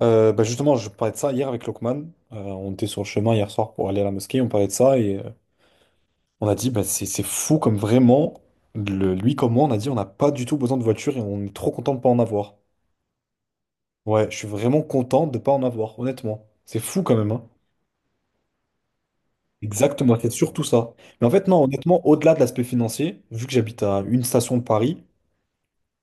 Bah justement, je parlais de ça hier avec Lokman. On était sur le chemin hier soir pour aller à la mosquée, on parlait de ça et on a dit, bah, c'est fou comme vraiment, lui comme moi, on a dit, on n'a pas du tout besoin de voiture et on est trop content de pas en avoir. Ouais, je suis vraiment content de pas en avoir, honnêtement. C'est fou quand même, hein. Exactement, c'est surtout ça. Mais en fait, non, honnêtement, au-delà de l'aspect financier, vu que j'habite à une station de Paris,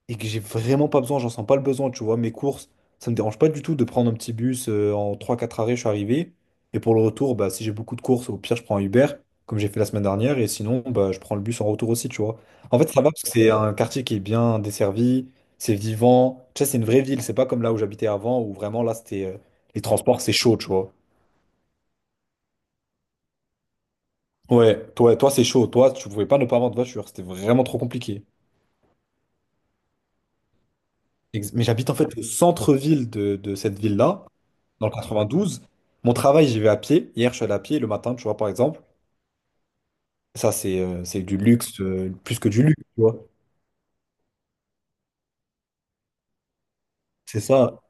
et que j'ai vraiment pas besoin, j'en sens pas le besoin, tu vois, mes courses, ça me dérange pas du tout de prendre un petit bus en trois quatre arrêts, je suis arrivé. Et pour le retour, bah, si j'ai beaucoup de courses, au pire, je prends un Uber, comme j'ai fait la semaine dernière, et sinon, bah, je prends le bus en retour aussi, tu vois. En fait, ça va parce que c'est un quartier qui est bien desservi, c'est vivant, tu sais, c'est une vraie ville, c'est pas comme là où j'habitais avant, où vraiment là, c'était les transports, c'est chaud, tu vois. Ouais, toi, toi, c'est chaud, toi, tu pouvais pas ne pas avoir de voiture, c'était vraiment trop compliqué. Mais j'habite en fait au centre-ville de cette ville-là, dans le 92. Mon travail, j'y vais à pied. Hier, je suis allé à pied le matin, tu vois, par exemple. Ça, c'est du luxe, plus que du luxe, tu vois. C'est ça,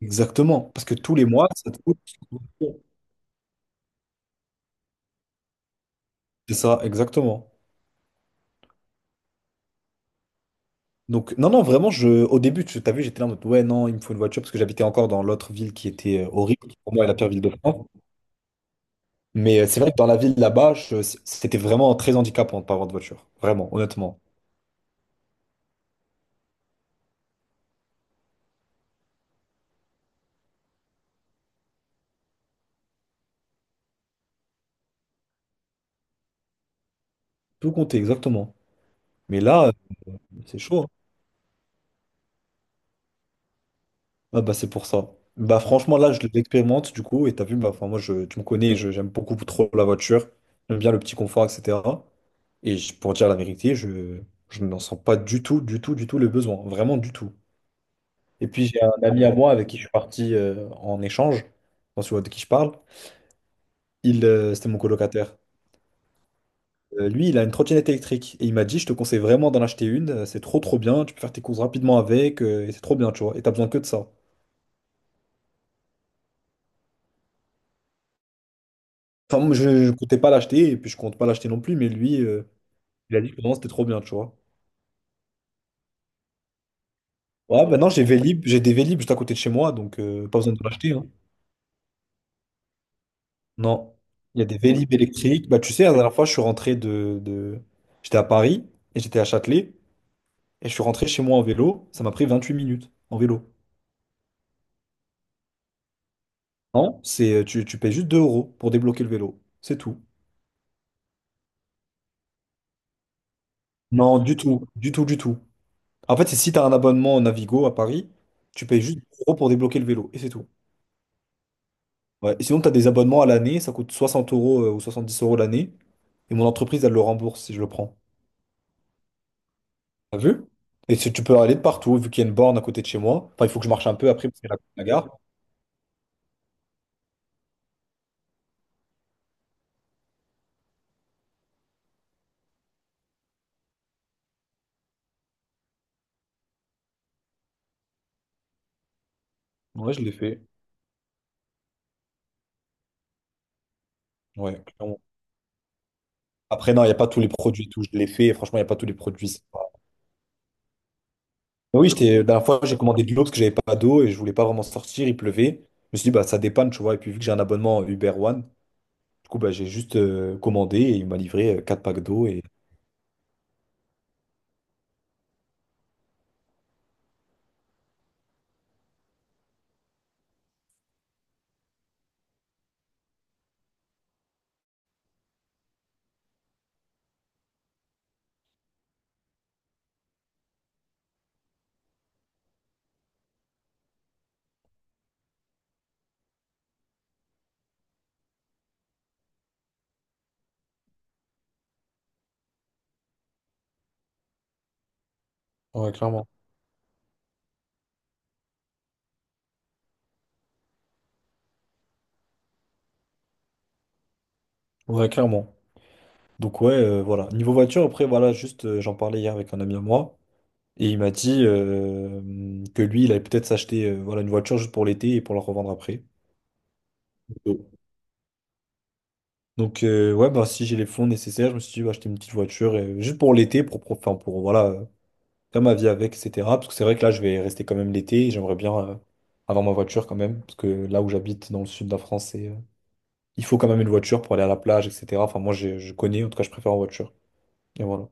exactement. Parce que tous les mois, ça te coûte. C'est ça, exactement. Donc, non, non, vraiment, je, au début, tu t'as vu, j'étais là en mode, ouais, non, il me faut une voiture parce que j'habitais encore dans l'autre ville qui était horrible, qui pour moi est la pire ville de France. Mais c'est vrai que dans la ville là-bas, c'était vraiment très handicapant de pas avoir de voiture. Vraiment, honnêtement. Tout compter, exactement. Mais là, c'est chaud, hein. Ah bah c'est pour ça. Bah franchement là je l'expérimente du coup et t'as vu bah enfin moi je tu me connais j'aime beaucoup trop la voiture, j'aime bien le petit confort, etc. Pour dire la vérité, je n'en sens pas du tout du tout du tout le besoin, vraiment, du tout. Et puis j'ai un ami à moi avec qui je suis parti en échange, quand tu vois de qui je parle, il c'était mon colocataire. Lui il a une trottinette électrique et il m'a dit je te conseille vraiment d'en acheter une, c'est trop trop bien, tu peux faire tes courses rapidement avec, et c'est trop bien, tu vois, et t'as besoin que de ça. Enfin, moi, je comptais pas l'acheter et puis je compte pas l'acheter non plus, mais lui, il a dit que non, c'était trop bien, tu vois. Ouais, maintenant j'ai Vélib, j'ai des Vélib juste à côté de chez moi, donc pas besoin de l'acheter, hein. Non, il y a des Vélib électriques. Bah, tu sais, la dernière fois, je suis rentré de... J'étais à Paris et j'étais à Châtelet et je suis rentré chez moi en vélo. Ça m'a pris 28 minutes en vélo. Non, c'est, tu payes juste 2 € pour débloquer le vélo. C'est tout. Non, du tout, du tout, du tout. En fait, c'est si tu as un abonnement Navigo à Paris, tu payes juste 2 euros pour débloquer le vélo et c'est tout. Ouais. Et sinon, tu as des abonnements à l'année, ça coûte 60 € ou 70 € l'année, et mon entreprise, elle le rembourse si je le prends. T'as vu? Et si tu peux aller de partout, vu qu'il y a une borne à côté de chez moi. Enfin, il faut que je marche un peu après, parce que la gare. Ouais, je l'ai fait. Ouais, clairement. Après, non, il n'y a pas tous les produits et tout, je l'ai fait, et franchement, il n'y a pas tous les produits, c'est pas- Mais oui, j'étais, la dernière fois, j'ai commandé de l'eau parce que j'avais pas d'eau et je voulais pas vraiment sortir, il pleuvait. Je me suis dit, bah, ça dépanne, tu vois, et puis vu que j'ai un abonnement Uber One, du coup, bah, j'ai juste commandé et il m'a livré quatre packs d'eau et... Ouais, clairement. Ouais, clairement. Donc ouais, voilà. Niveau voiture, après, voilà, juste, j'en parlais hier avec un ami à moi, et il m'a dit que lui, il allait peut-être s'acheter voilà, une voiture juste pour l'été et pour la revendre après. Oh. Donc ouais, bah, si j'ai les fonds nécessaires, je me suis dit, bah, acheter une petite voiture juste pour l'été, pour, enfin, pour voilà, faire ma vie avec, etc. Parce que c'est vrai que là, je vais rester quand même l'été, et j'aimerais bien avoir ma voiture quand même, parce que là où j'habite, dans le sud de la France, c'est, il faut quand même une voiture pour aller à la plage, etc. Enfin, moi, je connais, en tout cas, je préfère en voiture. Et voilà.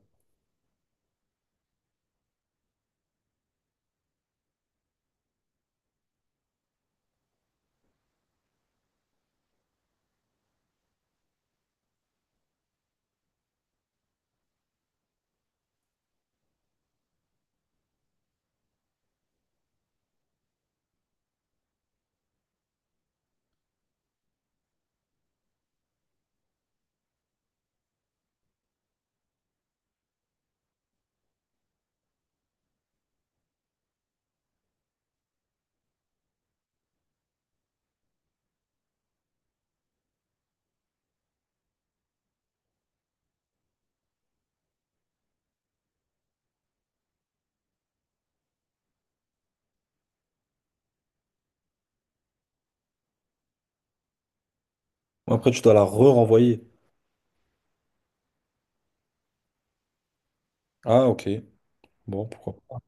Après, tu dois la re-renvoyer. Ah, ok. Bon, pourquoi pas.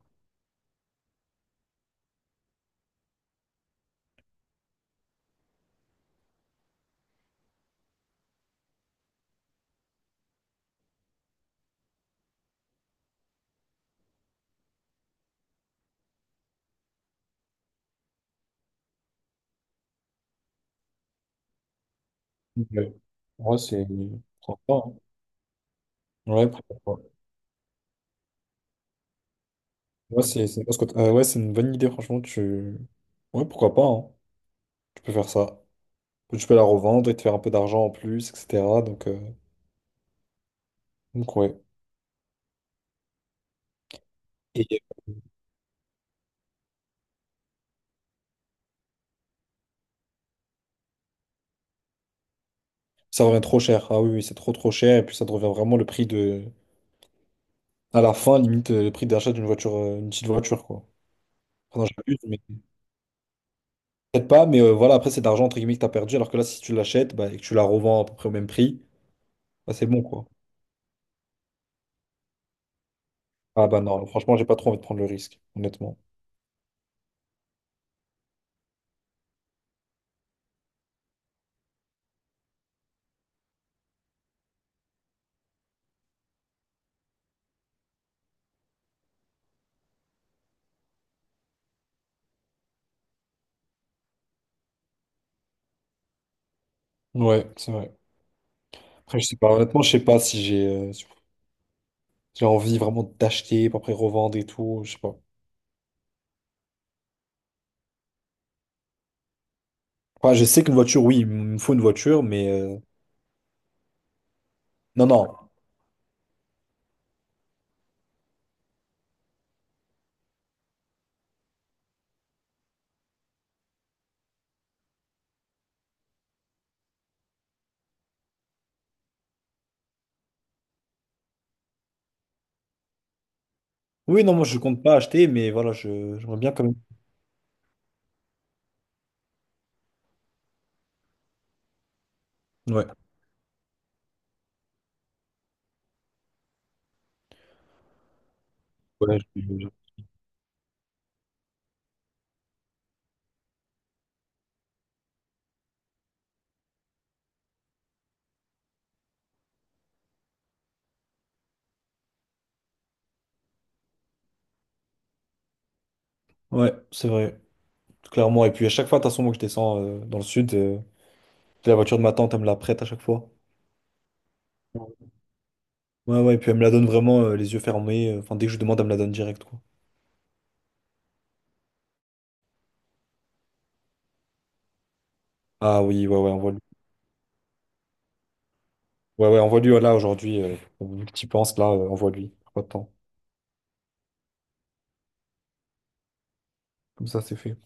Ouais. Ouais, c'est. Pourquoi pas, hein. Ouais, pourquoi pas. Ouais, ouais, c'est une bonne idée, franchement. Tu... Ouais, pourquoi pas, hein. Tu peux faire ça. Tu peux la revendre et te faire un peu d'argent en plus, etc. Donc ouais. Et ça revient trop cher. Ah oui, oui, c'est trop trop cher. Et puis ça te revient vraiment le prix de. À la fin, limite, le prix d'achat d'une voiture, une petite voiture, quoi. Enfin, non, j'abuse, mais. Peut-être pas, mais voilà, après, c'est d'argent entre guillemets que t'as perdu. Alors que là, si tu l'achètes bah, et que tu la revends à peu près au même prix, bah, c'est bon, quoi. Ah bah non, franchement, j'ai pas trop envie de prendre le risque, honnêtement. Ouais, c'est vrai. Après, je sais pas, honnêtement, je sais pas si j'ai si j'ai envie vraiment d'acheter pour après revendre et tout, je sais pas. Enfin, je sais qu'une voiture, oui, il me faut une voiture, mais non, non. Oui, non, moi, je compte pas acheter, mais voilà, je j'aimerais bien quand même. Ouais, ouais, ouais, c'est vrai, clairement. Et puis, à chaque fois, de toute façon, moi, que je descends dans le sud, la voiture de ma tante, elle me la prête à chaque fois. Ouais, ouais, et puis elle me la donne vraiment les yeux fermés. Enfin, dès que je demande, elle me la donne direct, quoi. Ah oui, ouais, ouais, on voit. Ouais, ouais, envoie-lui là aujourd'hui, vu que tu penses là, envoie-lui. Pas de temps. Comme ça, c'est fait.